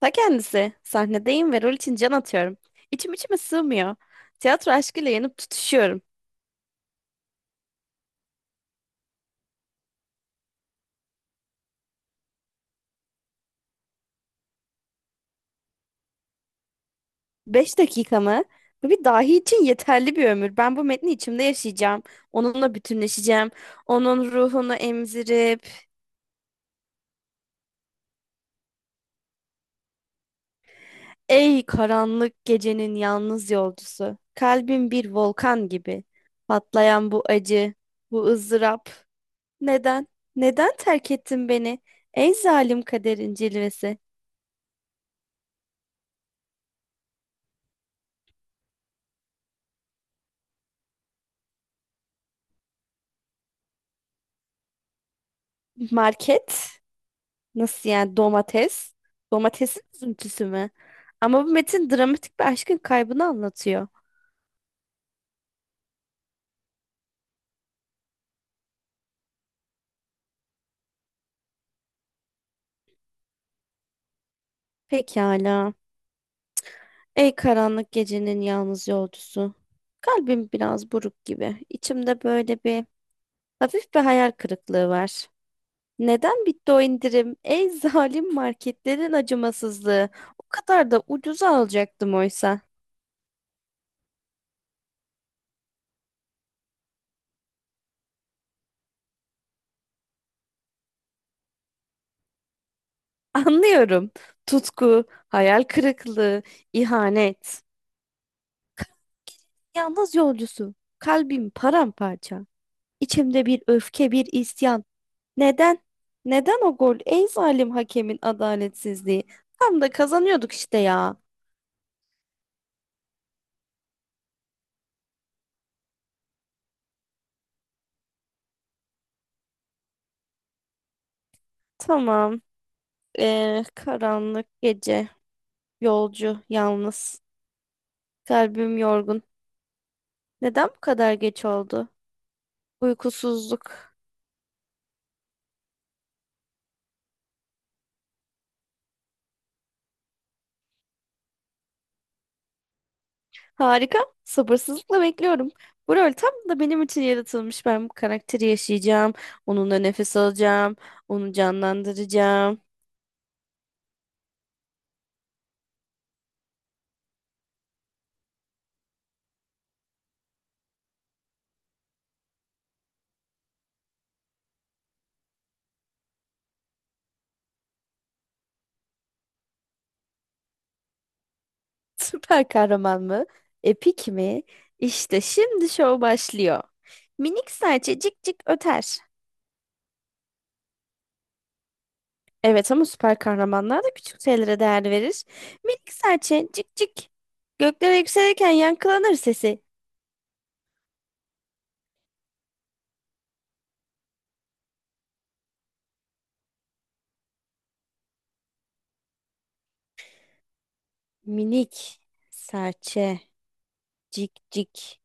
Ta kendisi. Sahnedeyim ve rol için can atıyorum. İçim içime sığmıyor. Tiyatro aşkıyla yanıp tutuşuyorum. Beş dakika mı? Bu bir dahi için yeterli bir ömür. Ben bu metni içimde yaşayacağım. Onunla bütünleşeceğim. Onun ruhunu emzirip... Ey karanlık gecenin yalnız yolcusu. Kalbim bir volkan gibi. Patlayan bu acı, bu ızdırap. Neden? Neden terk ettin beni? Ey zalim kaderin cilvesi. Market? Nasıl yani domates? Domatesin üzüntüsü mü? Ama bu metin dramatik bir aşkın kaybını anlatıyor. Pekala. Ey karanlık gecenin yalnız yolcusu. Kalbim biraz buruk gibi. İçimde böyle bir hafif hayal kırıklığı var. Neden bitti o indirim? Ey zalim marketlerin acımasızlığı. O kadar da ucuza alacaktım oysa. Anlıyorum. Tutku, hayal kırıklığı, ihanet. Yalnız yolcusu. Kalbim paramparça. İçimde bir öfke, bir isyan. Neden? Neden o gol? Ey zalim hakemin adaletsizliği. Tam da kazanıyorduk işte ya. Tamam. Karanlık gece. Yolcu, yalnız. Kalbim yorgun. Neden bu kadar geç oldu? Uykusuzluk. Harika. Sabırsızlıkla bekliyorum. Bu rol tam da benim için yaratılmış. Ben bu karakteri yaşayacağım. Onunla nefes alacağım. Onu canlandıracağım. Süper kahraman mı? Epik mi? İşte şimdi şov başlıyor. Minik serçe cik cik öter. Evet ama süper kahramanlar da küçük şeylere değer verir. Minik serçe cik cik. Göklere yükselirken yankılanır sesi. Minik serçe cik cik.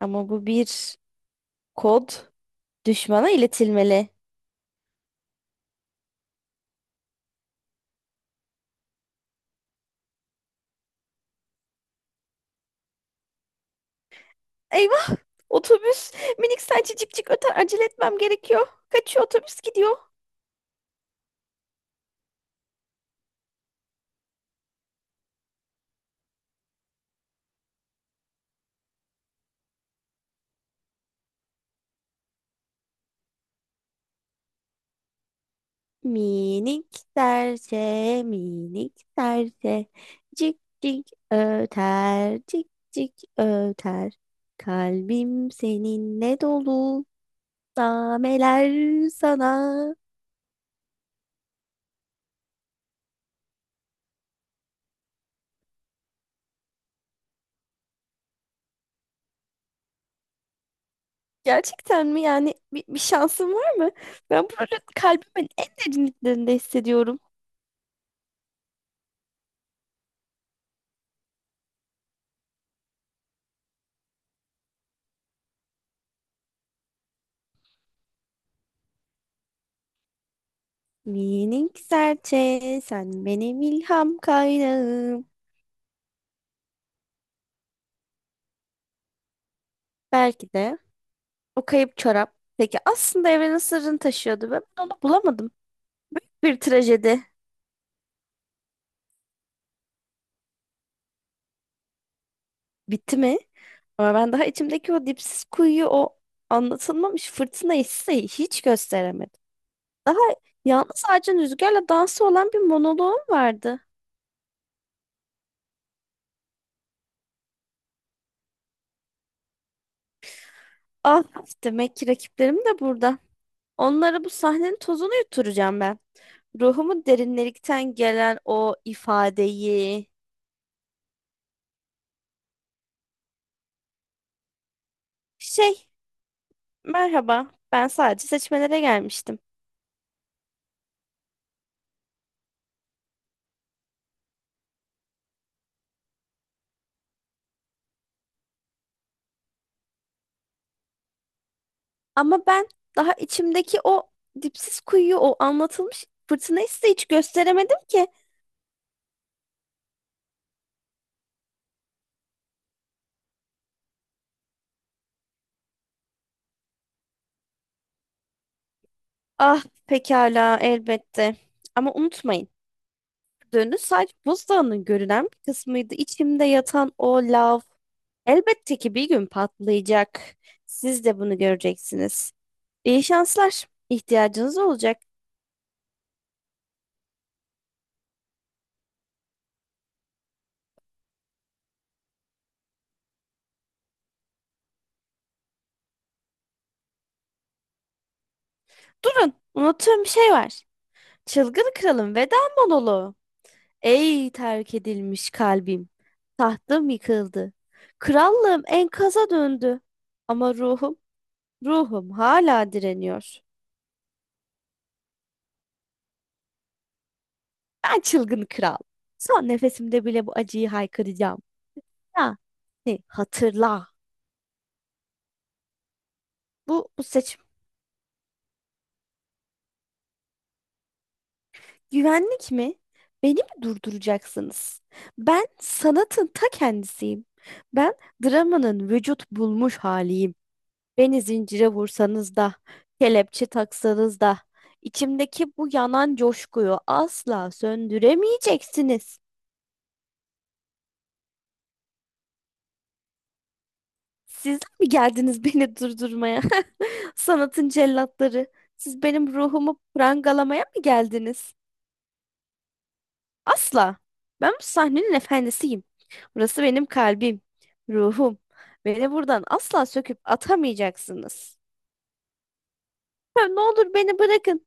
Ama bu bir kod. Düşmana iletilmeli. Eyvah! Otobüs. Minik serçe cik cik öter. Acele etmem gerekiyor. Kaçıyor otobüs gidiyor. Minik serçe, minik serçe, cik cik öter, cik cik öter. Kalbim seninle dolu, nameler sana. Gerçekten mi? Yani bir şansım var mı? Ben bunu kalbimin en derinliklerinde hissediyorum. Minik serçe, sen benim ilham kaynağım. Belki de o kayıp çorap. Peki aslında evrenin sırrını taşıyordu ve ben onu bulamadım. Bir trajedi. Bitti mi? Ama ben daha içimdeki o dipsiz kuyuyu, o anlatılmamış fırtına hissi hiç gösteremedim. Daha yalnız ağacın rüzgarla dansı olan bir monoloğum vardı. Ah, demek ki rakiplerim de burada. Onlara bu sahnenin tozunu yutturacağım ben. Ruhumun derinlerikten gelen o ifadeyi. Şey, merhaba. Ben sadece seçmelere gelmiştim. Ama ben daha içimdeki o dipsiz kuyuyu, o anlatılmış fırtınayı size hiç gösteremedim ki. Ah, pekala, elbette. Ama unutmayın. Dönü sadece buzdağının görünen bir kısmıydı. İçimde yatan o lav. Elbette ki bir gün patlayacak. Siz de bunu göreceksiniz. İyi şanslar. İhtiyacınız olacak. Durun, unuttuğum bir şey var. Çılgın Kral'ın veda monoloğu. Ey terk edilmiş kalbim, tahtım yıkıldı. Krallığım enkaza döndü. Ama ruhum hala direniyor. Ben çılgın kral. Son nefesimde bile bu acıyı haykıracağım. Ya, ne, hatırla. Bu seçim. Güvenlik mi? Beni mi durduracaksınız? Ben sanatın ta kendisiyim. Ben dramanın vücut bulmuş haliyim. Beni zincire vursanız da, kelepçe taksanız da, içimdeki bu yanan coşkuyu asla söndüremeyeceksiniz. Sizler mi geldiniz beni durdurmaya? Sanatın cellatları, siz benim ruhumu prangalamaya mı geldiniz? Asla. Ben bu sahnenin efendisiyim. Burası benim kalbim, ruhum. Beni buradan asla söküp atamayacaksınız. Ya, ne olur beni bırakın.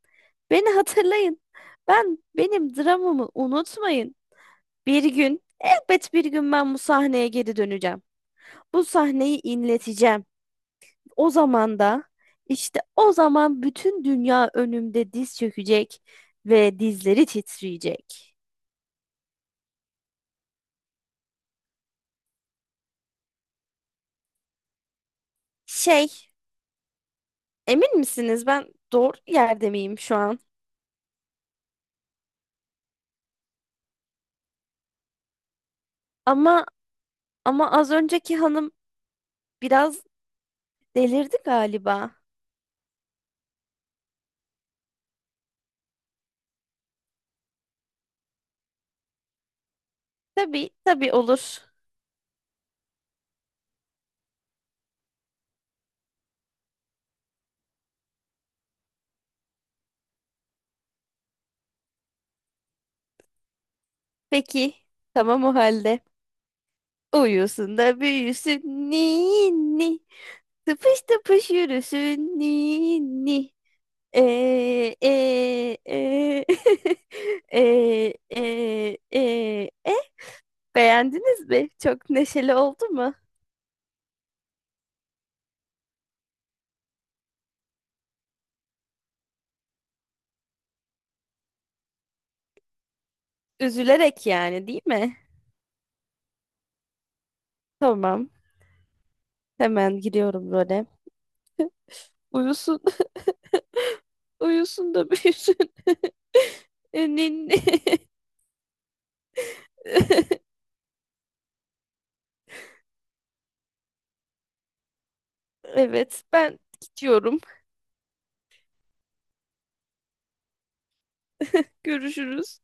Beni hatırlayın. Benim dramımı unutmayın. Bir gün, elbet bir gün ben bu sahneye geri döneceğim. Bu sahneyi inleteceğim. O zaman da, işte o zaman bütün dünya önümde diz çökecek ve dizleri titreyecek. Şey, emin misiniz, ben doğru yerde miyim şu an? Ama ama az önceki hanım biraz delirdi galiba. Tabii, tabii, olur. Peki, tamam o halde. Uyusun da büyüsün ninni. Tıpış tıpış yürüsün ninni. Ee, e, e. Ee, e, e, e. Beğendiniz mi? Çok neşeli oldu mu? Üzülerek yani değil mi? Tamam. Hemen giriyorum role. Uyusun. Uyusun da büyüsün. Ninni. Evet, ben gidiyorum. Görüşürüz.